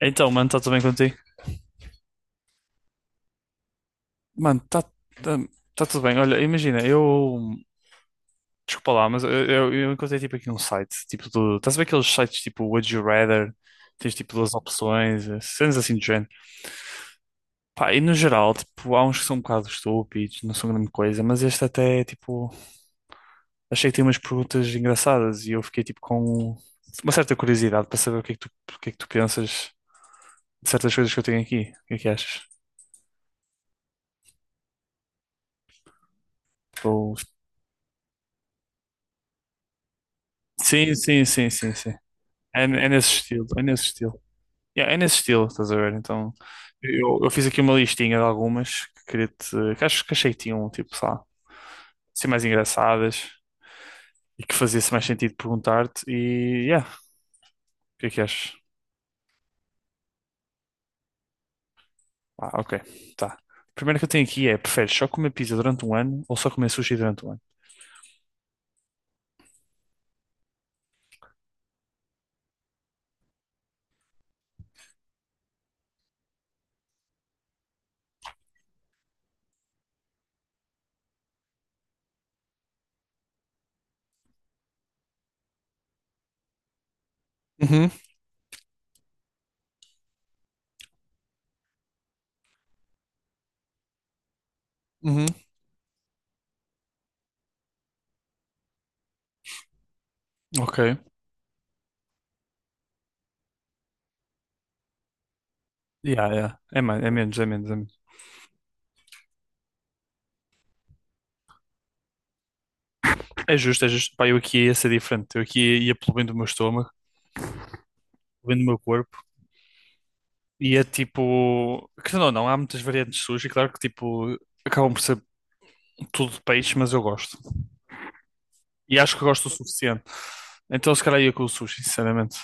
Então, mano, está tudo bem contigo? Mano, está tá, tá tá tudo bem. Olha, imagina, eu. Desculpa lá, mas eu encontrei tipo aqui um site, tipo do. Estás a ver aqueles sites tipo Would You Rather? Tens tipo duas opções, cenas assim do género. Pá, e no geral, tipo, há uns que são um bocado estúpidos, não são grande coisa, mas este até, tipo, achei que tinha umas perguntas engraçadas e eu fiquei tipo com uma certa curiosidade para saber o que é que tu, o que é que tu pensas de certas coisas que eu tenho aqui. O que é que achas? Ou... Sim, sim, sim, sim, sim. É, é nesse estilo, é nesse estilo. Yeah, é nesse estilo, estás a ver? Então, eu fiz aqui uma listinha de algumas que queria te, que acho que achei que tinham, tipo, sei lá, ser mais engraçadas e que fazia-se mais sentido perguntar-te e, yeah, o que é que achas? Ah, ok, tá. A primeira que eu tenho aqui é, preferes só comer pizza durante um ano ou só comer sushi durante um ano? Uhum, uhum, ok. Yeah, yeah. É mais, é menos, é menos, é menos. É justo, é justo. Pá, eu aqui ia ser diferente. Eu aqui ia pelo bem do meu estômago, pelo bem do meu corpo. E é tipo. Que não, não, há muitas variantes de sushi, claro que tipo. Acabam por ser tudo de peixe, mas eu gosto. E acho que gosto o suficiente. Então se calhar ia com o sushi, sinceramente.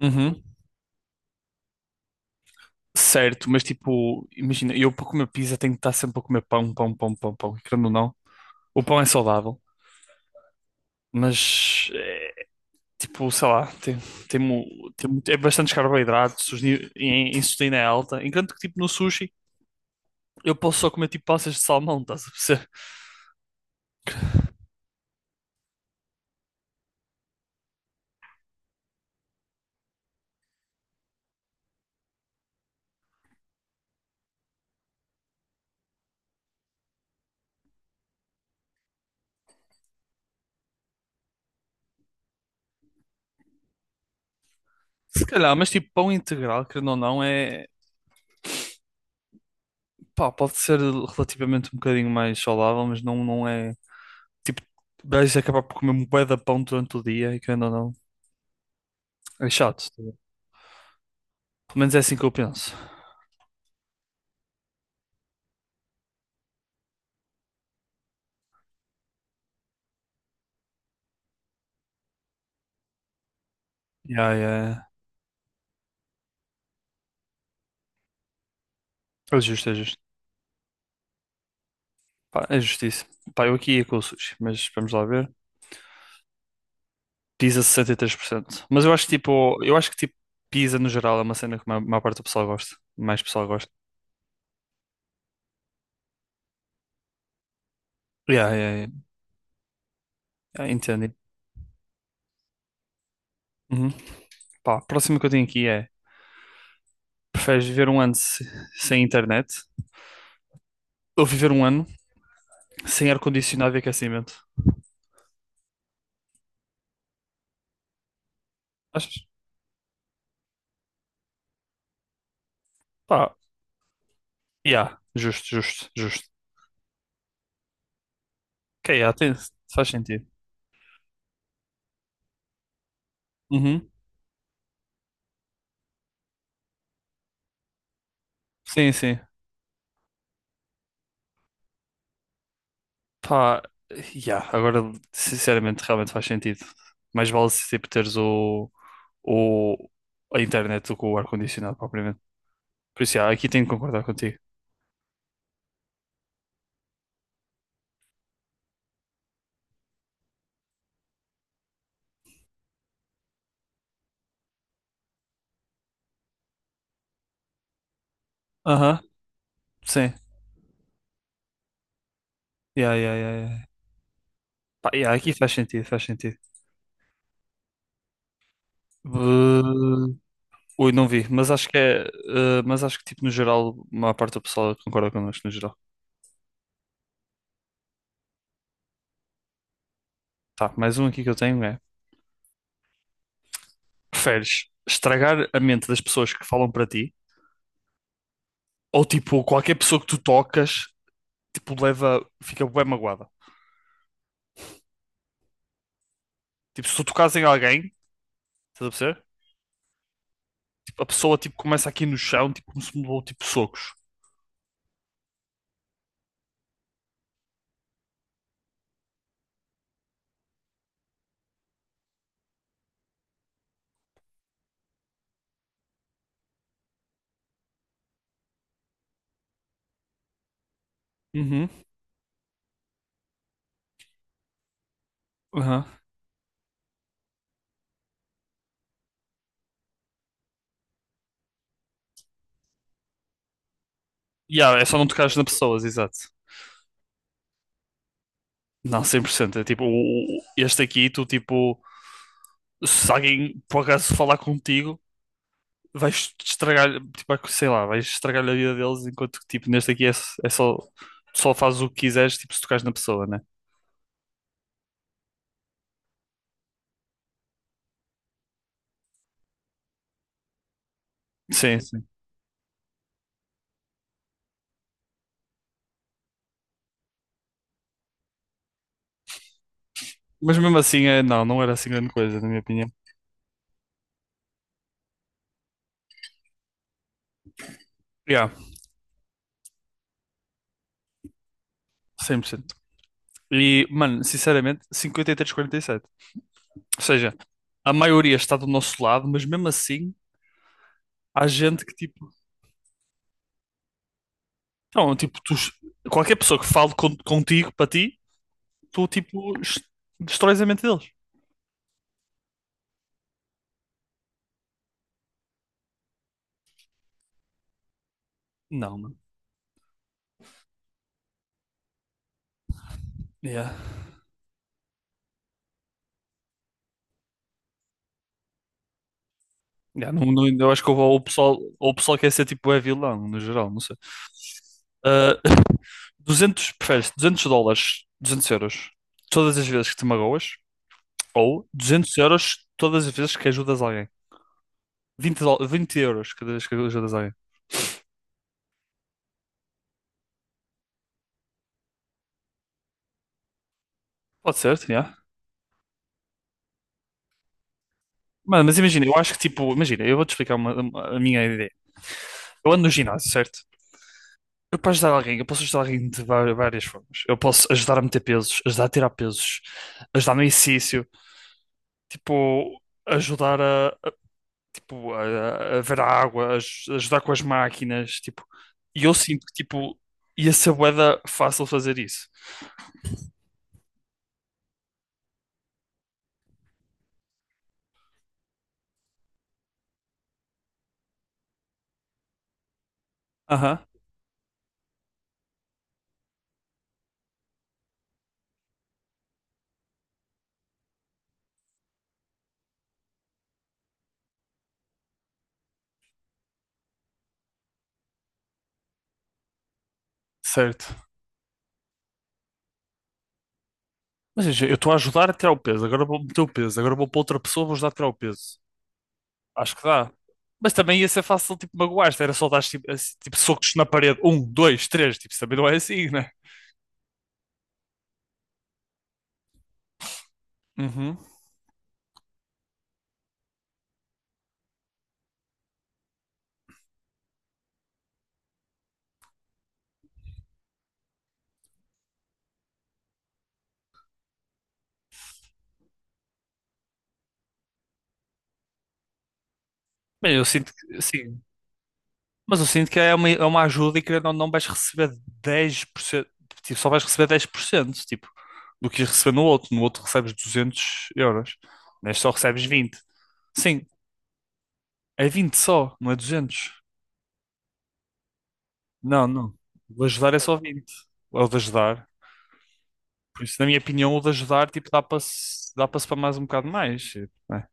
Uhum. Certo, mas tipo, imagina, eu para comer pizza tenho que estar sempre a comer pão, pão, pão, pão, pão. E querendo ou não, o pão é saudável, mas é, tipo, sei lá, mu- tem, muito- é bastantes carboidratos, os ni- e a insulina é alta. Enquanto que tipo no sushi eu posso só comer tipo passas de salmão, estás a perceber? Se calhar, mas tipo, pão integral, querendo ou não, é. Pá, pode ser relativamente um bocadinho mais saudável, mas não, não é. Tipo, vais acabar por comer um bué de pão durante o dia e querendo ou não. É chato. Tá bem? Pelo menos é assim que eu penso. Yeah, yeah, yeah. É justo, é justo. Pá, é justiça. Pá, eu aqui ia com o sushi, mas vamos lá ver. Pizza 63%. Mas eu acho que tipo, eu acho que tipo, pizza no geral é uma cena que a maior parte do pessoal gosta. Mais pessoal gosta. Yeah, yeah, yeah. Ah, entendi. Uhum. Pá, a próxima que eu tenho aqui é. Preferes viver um ano se- sem internet ou viver um ano sem ar-condicionado e aquecimento? Achas? Pá, yeah, justo, justo, justo. Ok, yeah, tem, faz sentido. Uhum. Sim, sim. Pá, yeah, agora, sinceramente, realmente faz sentido. Mais vale se tipo teres o, a internet do que o ar-condicionado propriamente. Por isso, yeah, aqui tenho que concordar contigo. Aham, sim. Yeah, yeah, yeah, yeah. Pá, yeah, aqui faz sentido, faz sentido. Ui, não vi, mas acho que é, mas acho que tipo no geral, a maior parte do pessoal concorda connosco no geral. Tá, mais um aqui que eu tenho é: preferes estragar a mente das pessoas que falam para ti, ou tipo, qualquer pessoa que tu tocas, tipo, leva, fica bem magoada. Tipo, se tu tocas em alguém, estás a perceber? Tipo, a pessoa tipo começa aqui no chão, tipo, como se me levou tipo socos. Uhum. Aham. Yeah, é só não tocares nas pessoas, exato. Não, 100%. É tipo, o- este aqui, tu tipo, se alguém por acaso falar contigo, vais estragar, tipo, sei lá, vais estragar a vida deles enquanto que, tipo, neste aqui é, é só, só fazes o que quiseres, tipo, se tocares na pessoa, né? Sim, sim. Mas mesmo assim, é, não, não era assim grande coisa, na minha opinião. Yeah, 100%. E, mano, sinceramente, 53-47. Ou seja, a maioria está do nosso lado, mas mesmo assim, há gente que, tipo, não, tipo, tu, qualquer pessoa que fale con- contigo, para ti, tu, tipo, es- destróis a mente deles. Não, mano. Yeah. Yeah, não, não- eu acho que houve- ou o pessoal quer ser tipo é vilão, no geral, não sei. Ah, 200, preferes 200 dólares, 200 euros, todas as vezes que te magoas, ou 200 euros todas as vezes que ajudas alguém. Vinte dol- 20€ cada vez que ajudas alguém. Pode ser, yeah. Mano, mas imagina, eu acho que tipo, imagina, eu vou-te explicar uma- a minha ideia. Eu ando no ginásio, certo? Eu para ajudar alguém, eu posso ajudar alguém de va- várias formas. Eu posso ajudar a meter pesos, ajudar a tirar pesos, ajudar no exercício, tipo, ajudar tipo, a ver a água, a aj- ajudar com as máquinas, tipo, e eu sinto que, tipo, ia ser bué da fácil fazer isso. Aham. Certo. Mas veja, eu estou a ajudar a tirar o peso, agora vou meter o peso, agora vou para outra pessoa, vou ajudar a tirar o peso. Acho que dá. Mas também ia ser fácil, tipo, magoar-te, era só dar, tipo, assim, tipo, socos na parede, um, dois, três, tipo, isso também não é assim, né? Uhum. Bem, eu sinto que, sim. Mas eu sinto que é uma ajuda e que não, não vais receber 10%, tipo, só vais receber 10%, tipo, do que ias receber no outro. No outro recebes 200 euros, neste só recebes vinte. Sim, é 20 só, não é duzentos. Não, não. O de ajudar é só vinte. É o de ajudar. Por isso, na minha opinião, o de ajudar, tipo, dá para se para mais um bocado mais. Tipo, né?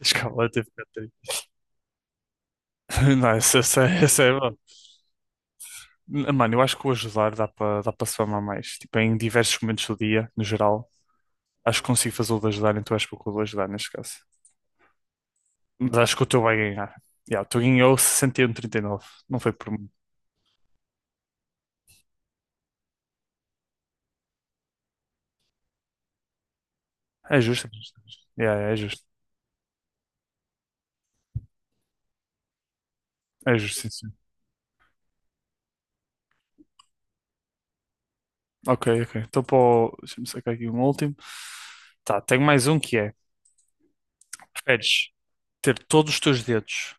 Escalante fica Não, essa é boa. Mano, eu acho que o ajudar dá para dá para se famar mais. Tipo, em diversos momentos do dia, no geral, acho que consigo fazer o de ajudar, então acho que vou com o de ajudar neste caso. Mas acho que o teu vai ganhar. Yeah, o teu ganhou 61,39. Não foi por muito. É justo, é justo, é justo. Yeah, é justo. É justo, sim, sim. Ok, ok. Então, pô, deixa-me sacar aqui um último. Tá, tenho mais um que é: preferes ter todos os teus dedos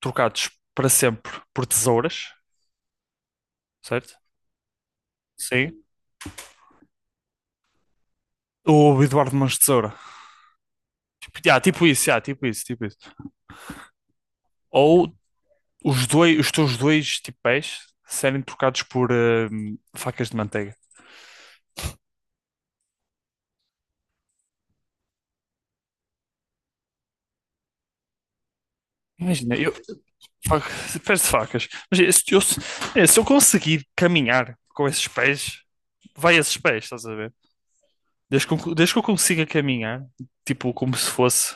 trocados para sempre por tesouras, certo? Sim. Ou Eduardo Mãos de Tesoura. Tipo, yeah, tipo isso, tipo isso. Ou os dois, os teus dois tipo pés serem trocados por facas de manteiga. Imagina, eu fa- pés de facas. Mas se eu, se é, se eu conseguir caminhar com esses pés, vai esses pés, estás a ver? Desde que eu consiga caminhar, tipo, como se fosse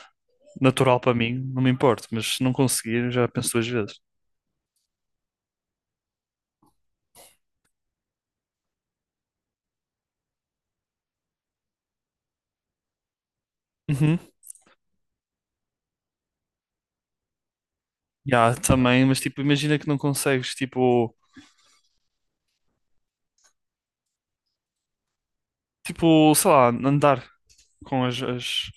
natural para mim, não me importo. Mas se não conseguir, já penso duas vezes. Uhum. Já, também, mas tipo, imagina que não consegues, tipo, tipo, sei lá, andar com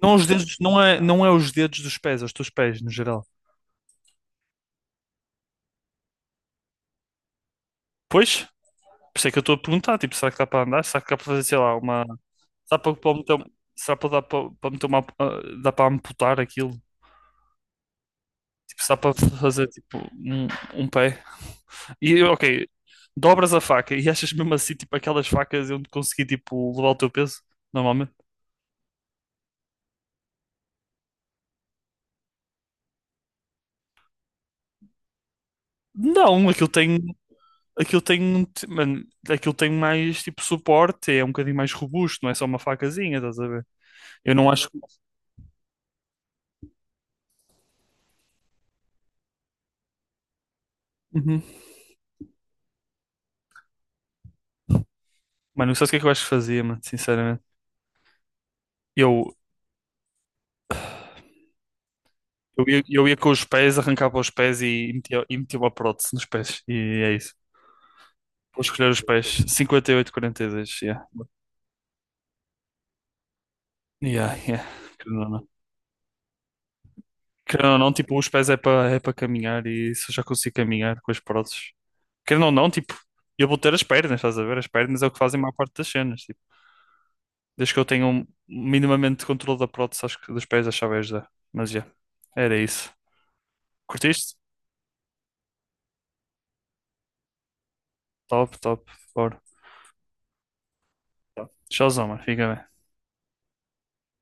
não os dedos, não é, não é os dedos dos pés, é os teus pés, no geral. Pois, por isso é que eu estou a perguntar, tipo, será que dá para andar? Será que dá para fazer, sei lá, uma... Será para, para meter, será para, dar para, para meter uma... ah, dá para amputar aquilo? Tipo, será para fazer, tipo, um pé? E, ok, dobras a faca e achas mesmo assim, tipo, aquelas facas onde consegui, tipo, levar o teu peso, normalmente? Não, aquilo tem... Aquilo tem, mano, aquilo tem mais, tipo, suporte, é um bocadinho mais robusto, não é só uma facazinha, estás a ver? Eu não acho... Uhum. Mano, não sabes o que é que eu acho que fazia, mano? Sinceramente. Eu, ia, eu ia com os pés, arrancava os pés e metia uma prótese nos pés. E é isso. Vou escolher os pés. 58-42, yeah. Yeah, yeah. Querendo ou não. Querendo ou não, tipo, os pés é para é para caminhar e se eu já consigo caminhar com as próteses. Querendo ou não, tipo, eu vou ter as pernas, estás a ver? As pernas é o que fazem a maior parte das cenas. Tipo, desde que eu tenha um minimamente controle da prótese, acho que dos pés achava ajudar. Mas, já, yeah, era isso. Curtiste? Top, top. Bora. Tchauzão, mano. Fica bem.